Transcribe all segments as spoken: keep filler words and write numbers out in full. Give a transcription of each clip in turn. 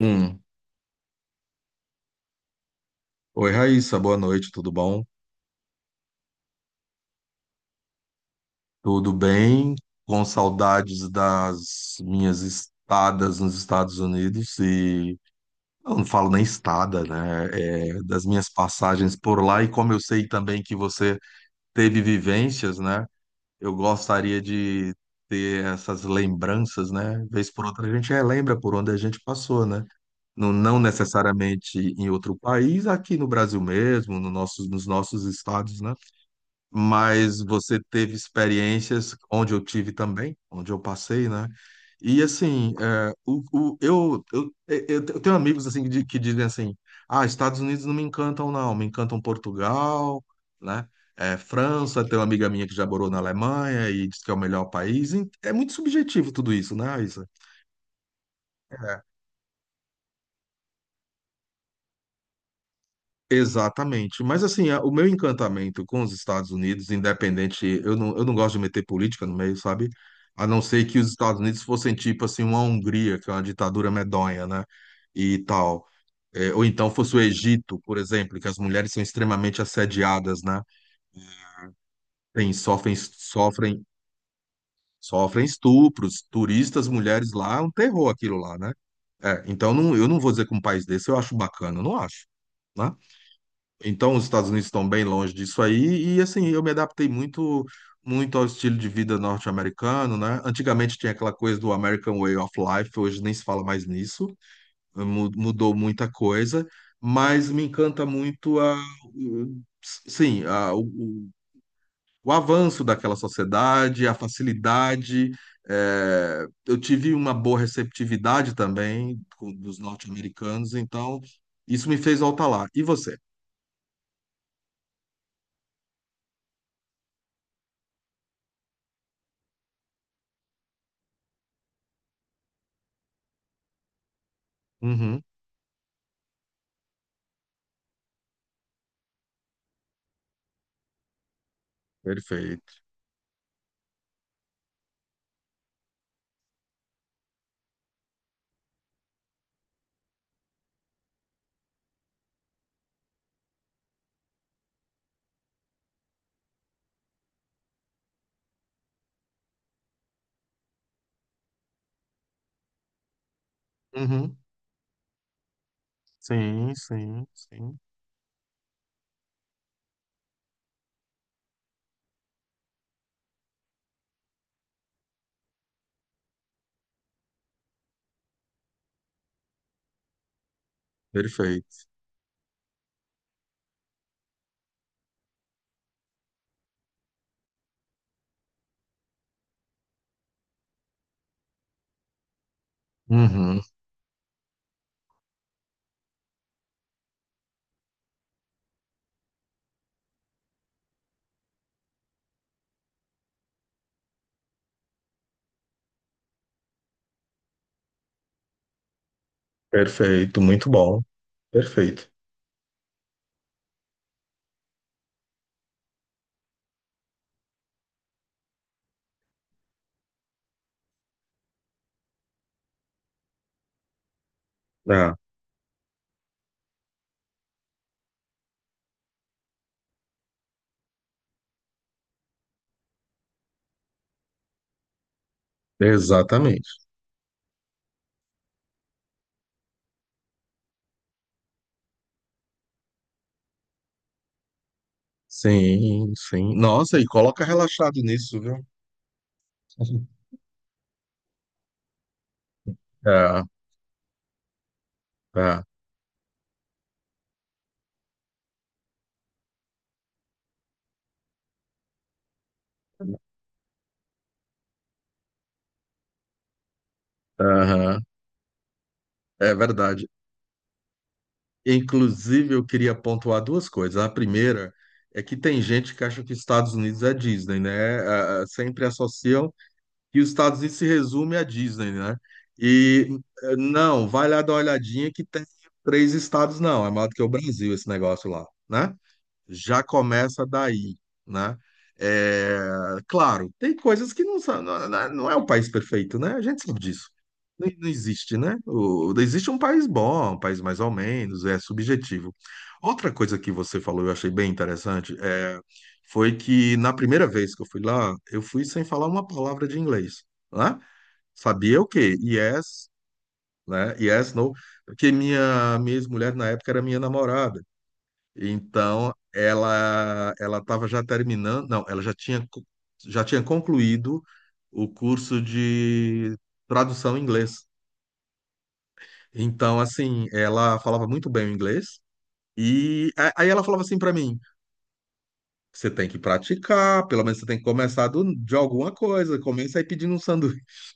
Um. Oi, Raíssa, boa noite, tudo bom? Tudo bem? Com saudades das minhas estadas nos Estados Unidos e eu não falo nem estada, né? É, das minhas passagens por lá e como eu sei também que você teve vivências, né? Eu gostaria de ter essas lembranças, né? Vez por outra a gente relembra por onde a gente passou, né? Não, não necessariamente em outro país, aqui no Brasil mesmo, no nossos, nos nossos estados, né? mas você teve experiências onde eu tive também, onde eu passei, né? E assim, é, o, o, eu, eu, eu eu tenho amigos assim que, di- que dizem assim, ah, Estados Unidos não me encantam, não, me encantam Portugal, né? É, França, tem uma amiga minha que já morou na Alemanha e diz que é o melhor país. E É muito subjetivo tudo isso, né, Isa? É. Exatamente. Mas assim, a- o meu encantamento com os Estados Unidos, independente, eu não, eu não gosto de meter política no meio, sabe? A não ser que os Estados Unidos fossem tipo assim uma Hungria, que é uma ditadura medonha, né? E tal. É, ou então fosse o Egito, por exemplo, que as mulheres são extremamente assediadas, né? Tem, sofrem, sofrem, sofrem estupros, turistas, mulheres lá, é um terror aquilo lá, né? É, então não, eu não vou dizer que um país desse eu acho bacana, eu não acho, né? Então, os Estados Unidos estão bem longe disso aí, e assim, eu me adaptei muito, muito ao estilo de vida norte-americano, né? Antigamente tinha aquela coisa do American Way of Life, hoje nem se fala mais nisso, mu- mudou muita coisa, mas me encanta muito a, sim, a- o, o- o avanço daquela sociedade, a facilidade. Eh, eu tive uma boa receptividade também com- dos norte-americanos, então isso me fez voltar lá. E você? Uhum, perfeito. Uhum. Sim, sim, sim. Perfeito. Uhum. Perfeito, muito bom. Perfeito. Ah, exatamente. Sim, sim. Nossa, e coloca relaxado nisso, viu? Ah, ah, aham. É verdade. Inclusive, eu queria pontuar duas coisas. A primeira é que tem gente que acha que Estados Unidos é Disney, né? Ah, sempre associam que os Estados Unidos se resume à Disney, né? E eh, não, vai lá dar uma olhadinha que tem três estados, não. É maior do que o Brasil esse negócio lá, né? já começa daí, né? É, claro, tem coisas que não são, não, não é, não é o país perfeito, né? A gente sabe disso. Não, não existe, né? O, existe um país bom, um país mais ou menos, é subjetivo. Outra coisa que você falou, eu achei bem interessante, é, foi que na primeira vez que eu fui lá, eu fui sem falar uma palavra de inglês, né? Sabia o quê? Yes, né? Yes, no, porque minha, minha ex-mulher na época era minha namorada. Então, ela ela estava já terminando, não, ela já tinha co- já tinha concluído o curso de tradução em inglês. Então, assim, ela falava muito bem o inglês e a- aí ela falava assim para mim: "Você tem que praticar, pelo menos você tem que começar do- de alguma coisa, começa aí pedindo um sanduíche".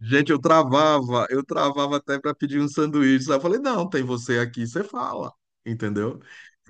Gente, eu travava, eu travava até para pedir um sanduíche. Aí eu falei: "Não, tem você aqui, você fala". Entendeu?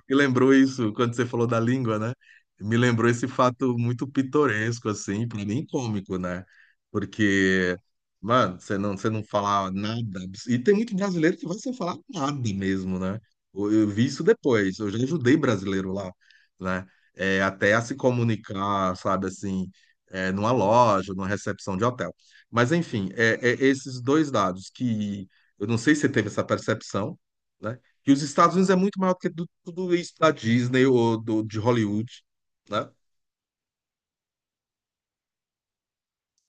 Me lembrou isso quando você falou da língua, né? Me lembrou esse fato muito pitoresco, assim, pra mim cômico, né? Porque, mano, você não, você não fala nada. E tem muito brasileiro que vai sem falar nada mesmo, né? Eu, eu vi isso depois. Eu já ajudei brasileiro lá, né? É, até a se comunicar, sabe, assim, é, numa loja, numa recepção de hotel. Mas, enfim, é, é esses dois dados que eu não sei se você teve essa percepção. né? Que os Estados Unidos é muito maior do que du- tudo isso da Disney ou do, de Hollywood, né?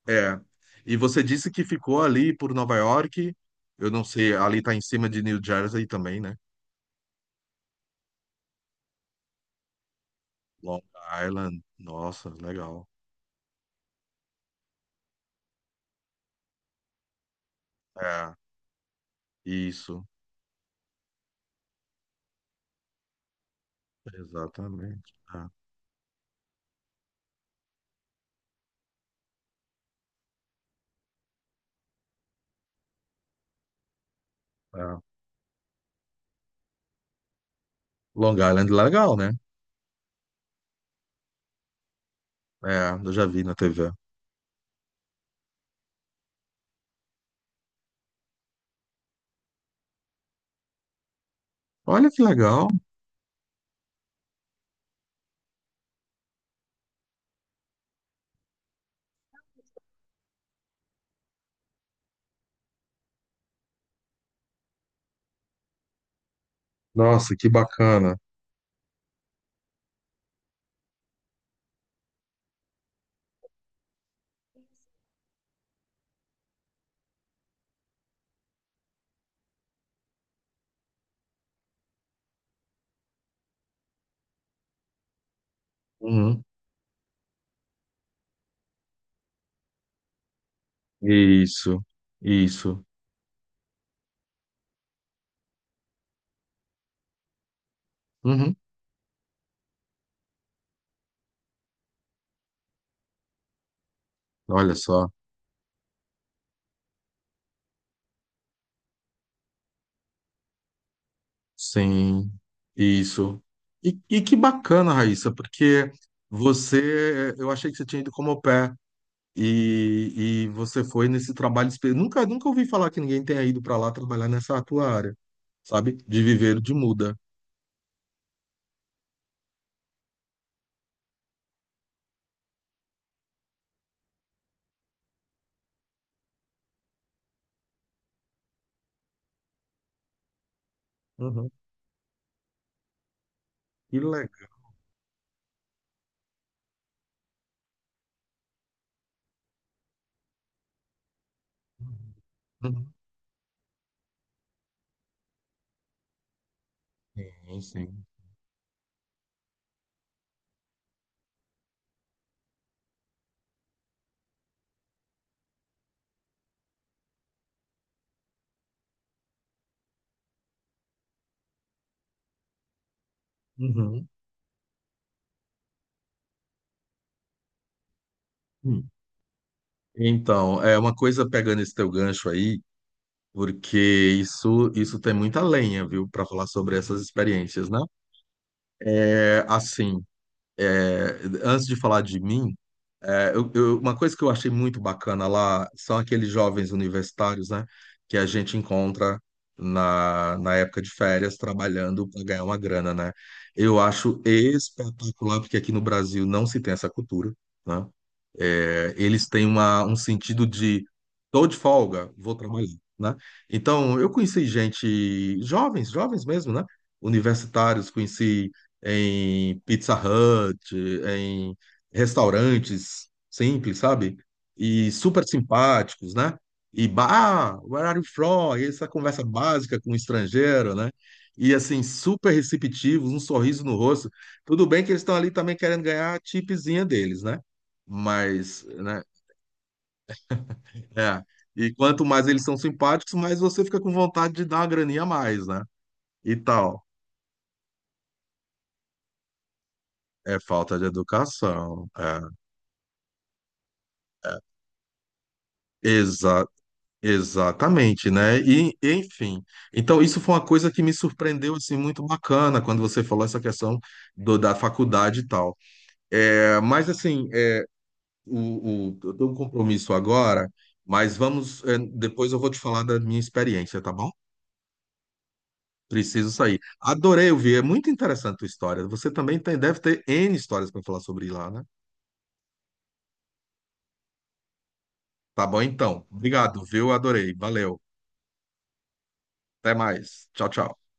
É. E você disse que ficou ali por Nova York, eu não sei, ali tá em cima de New Jersey também, né? Long Island, nossa, legal. É, isso, exatamente. É, é. Long Island, é legal, né? É, eu já vi na T V. Olha que legal. Nossa, que bacana. Uhum. Isso, isso. Uhum. Olha só. Sim, isso. E, e que bacana, Raíssa, porque você, eu achei que você tinha ido como au pair e, e você foi nesse trabalho. espe- Nunca, nunca ouvi falar que ninguém tenha ido para lá trabalhar nessa tua área, sabe? De viveiro de muda. Uhum. Que legal. Uhum. Sim, sim. Uhum. Hum. Então, é uma coisa pegando esse teu gancho aí, porque isso, isso tem muita lenha, viu, para falar sobre essas experiências, né? É, assim. É, antes de falar de mim, é, eu- eu- uma coisa que eu achei muito bacana lá são aqueles jovens universitários, né, que a gente encontra na, na época de férias trabalhando para ganhar uma grana, né? Eu acho espetacular, porque aqui no Brasil não se tem essa cultura, né? É, eles têm uma, um sentido de tô de folga, vou trabalhar, né? Então, eu conheci gente, jovens, jovens mesmo, né? Universitários, conheci em Pizza Hut, em restaurantes simples, sabe? E super simpáticos, né? E, ba- ah, where are you from? E essa conversa básica com o estrangeiro, né? E assim, super receptivos, um sorriso no rosto. Tudo bem que eles estão ali também querendo ganhar a tipezinha deles, né? Mas, né? É. E quanto mais eles são simpáticos, mais você fica com vontade de dar uma graninha a mais, né? E tal. É falta de educação. É. é. Exa exatamente, né? E, enfim. Então, isso foi uma coisa que me surpreendeu, assim, muito bacana quando você falou essa questão do- da faculdade e tal. É, mas, assim, é, o, o- eu tenho um compromisso agora, mas vamos. é, depois eu vou te falar da minha experiência, tá bom? Preciso sair. Adorei ouvir, é muito interessante a tua história. Você também tem, deve ter ene histórias para falar sobre lá, né? Tá bom então. Obrigado, viu? Adorei. Valeu. Até mais. Tchau, tchau.